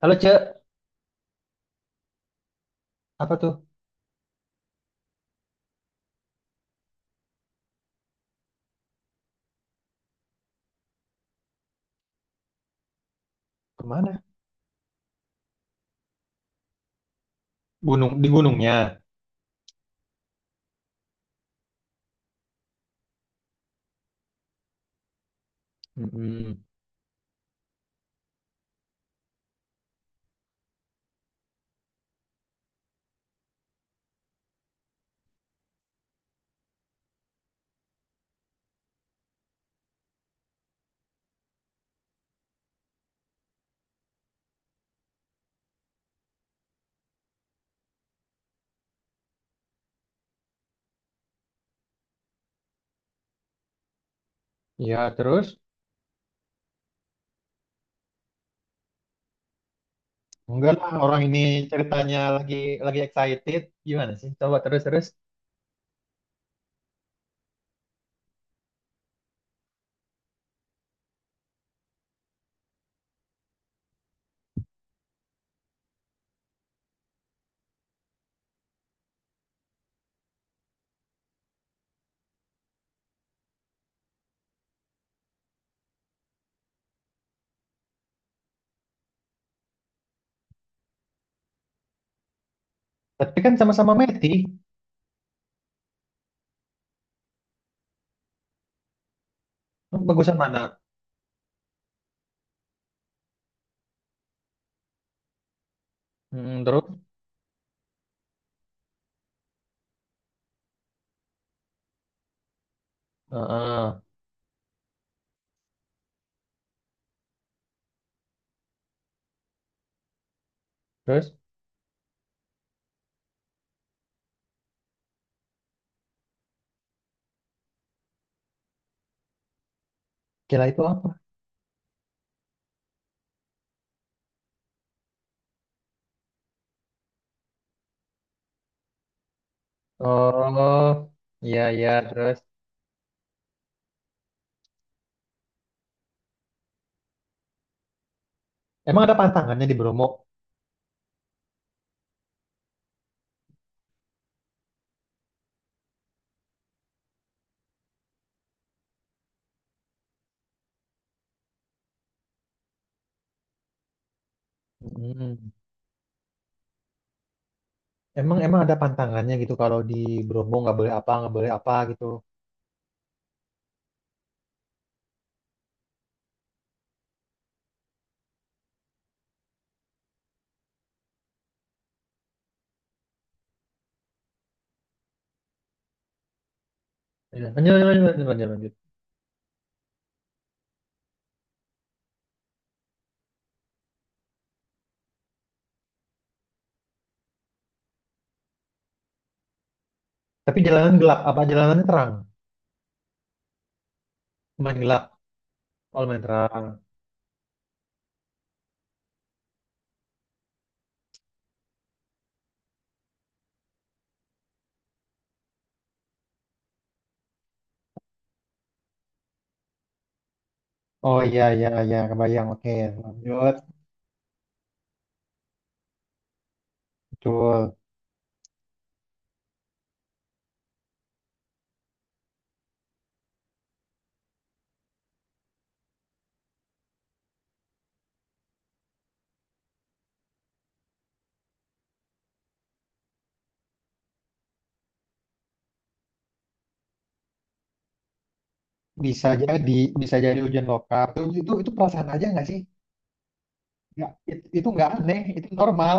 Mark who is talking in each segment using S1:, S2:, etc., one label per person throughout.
S1: Halo Ce, apa tuh? Kemana? Gunung di gunungnya. Mm-mm. Ya terus? Enggak lah, orang ini ceritanya lagi excited. Gimana sih? Coba terus terus. Tapi kan sama-sama Meti. Bagusan mana? Mm-mm, terus? Heeh. Terus? Kira itu apa? Oh, iya iya terus. Emang ada pantangannya di Bromo? Mm-mm. Emang emang ada pantangannya gitu kalau di Bromo nggak boleh apa gitu. Iya. Lanjut lanjut lanjut lanjut. Lanjut. Tapi jalanan gelap apa jalanannya terang? Cuman gelap. Oh, lumayan terang. Oh iya iya iya kebayang. Oke, lanjut. Betul. Bisa jadi bisa jadi hujan lokal. Itu perasaan aja nggak sih? Nggak, itu nggak aneh, itu normal.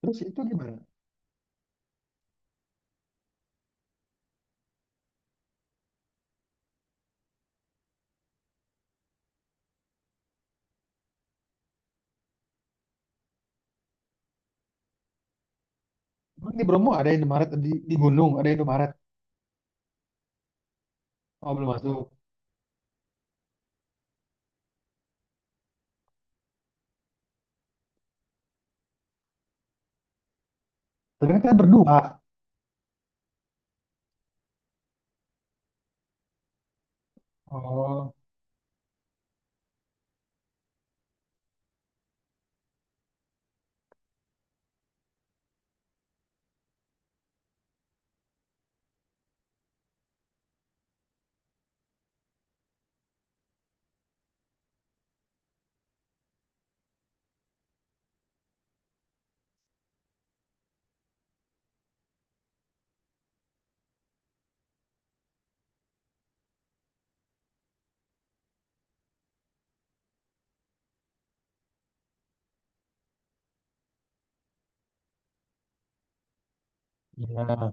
S1: Terus itu gimana? Emang di Bromo ada Indomaret di gunung, ada Indomaret. Oh, belum masuk. Tapi kan kita berdua. Oh, iya.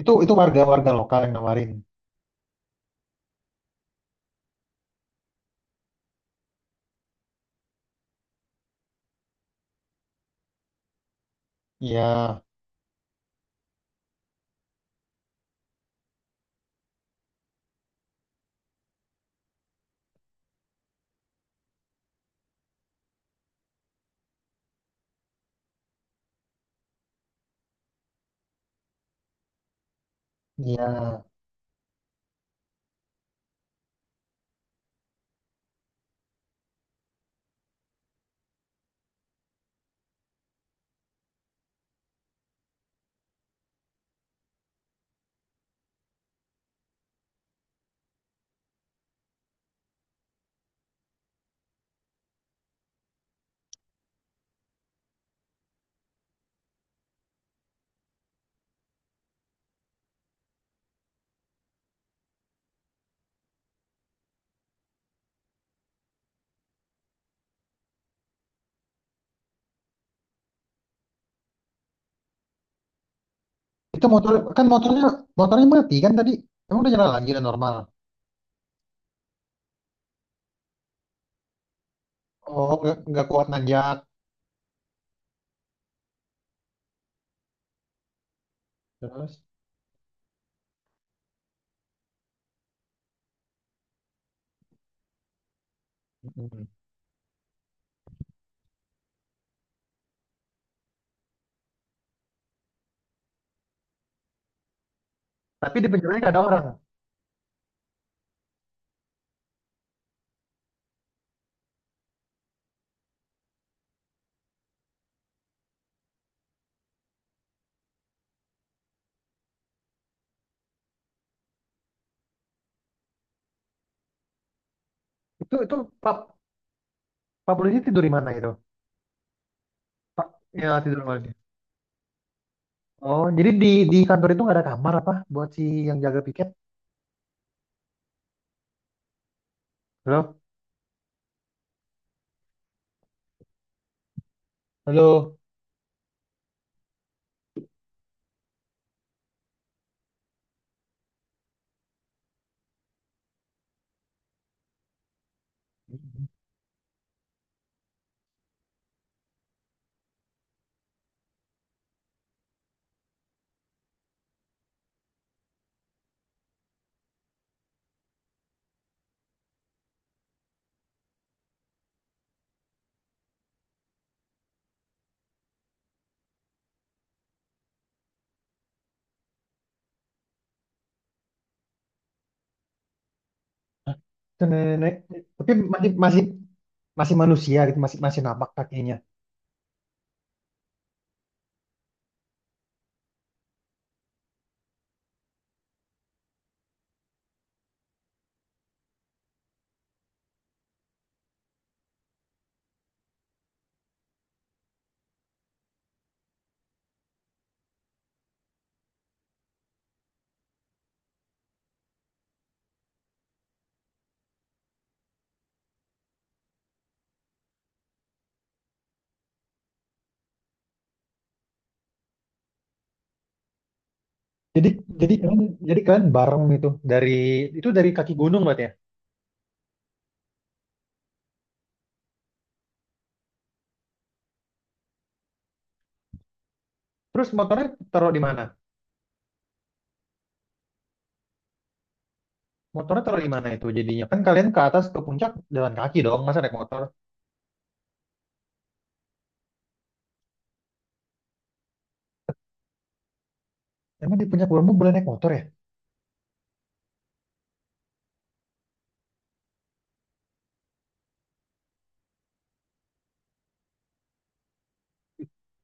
S1: Itu warga-warga lokal yang nawarin. Iya, iya. Itu motor kan motornya motornya mati kan tadi. Emang udah jalan lagi udah normal. Oh, nggak kuat nanjak. Terus. Tapi di penjaganya nggak ada orang. Itu Pak Pak polisi tidur di mana itu? Pak ya tidur di mana dia? Oh, jadi di kantor itu nggak ada kamar apa buat si yang jaga piket? Halo, halo. Hah? Itu Nenek, tapi masih masih masih manusia gitu, masih masih napak kakinya. Jadi jadi kalian jadi kalian bareng itu dari kaki gunung berarti ya. Terus motornya taruh di mana? Motornya taruh di mana itu jadinya? Kan kalian ke atas ke puncak jalan kaki dong, masa naik motor? Emang di puncak Bromo boleh naik motor ya?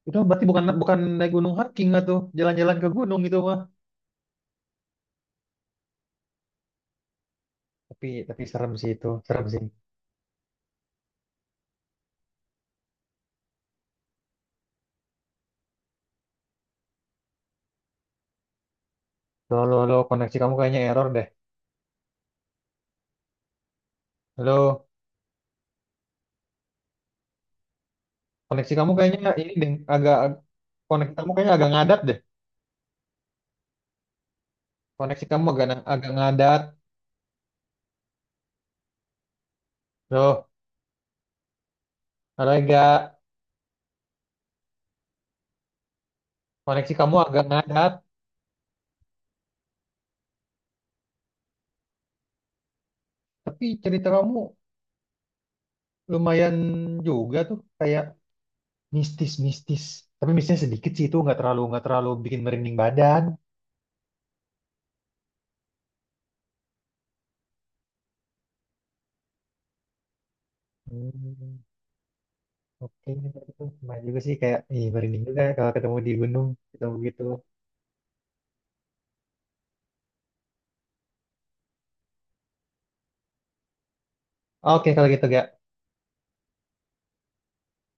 S1: Itu berarti bukan bukan naik gunung hiking nggak tuh, jalan-jalan ke gunung itu mah. Tapi serem sih itu, serem sih. Lo lo lo koneksi kamu kayaknya error deh. Lo koneksi kamu kayaknya ini deh, agak koneksi kamu kayaknya agak ngadat deh. Koneksi kamu agak agak ngadat. Lo ada enggak koneksi kamu agak ngadat. Tapi cerita kamu lumayan juga tuh kayak mistis-mistis. Tapi mistisnya sedikit sih itu nggak terlalu bikin merinding badan. Hmm. Oke, itu lumayan juga sih kayak ih merinding juga kalau ketemu di gunung ketemu gitu. Oke, kalau gitu gak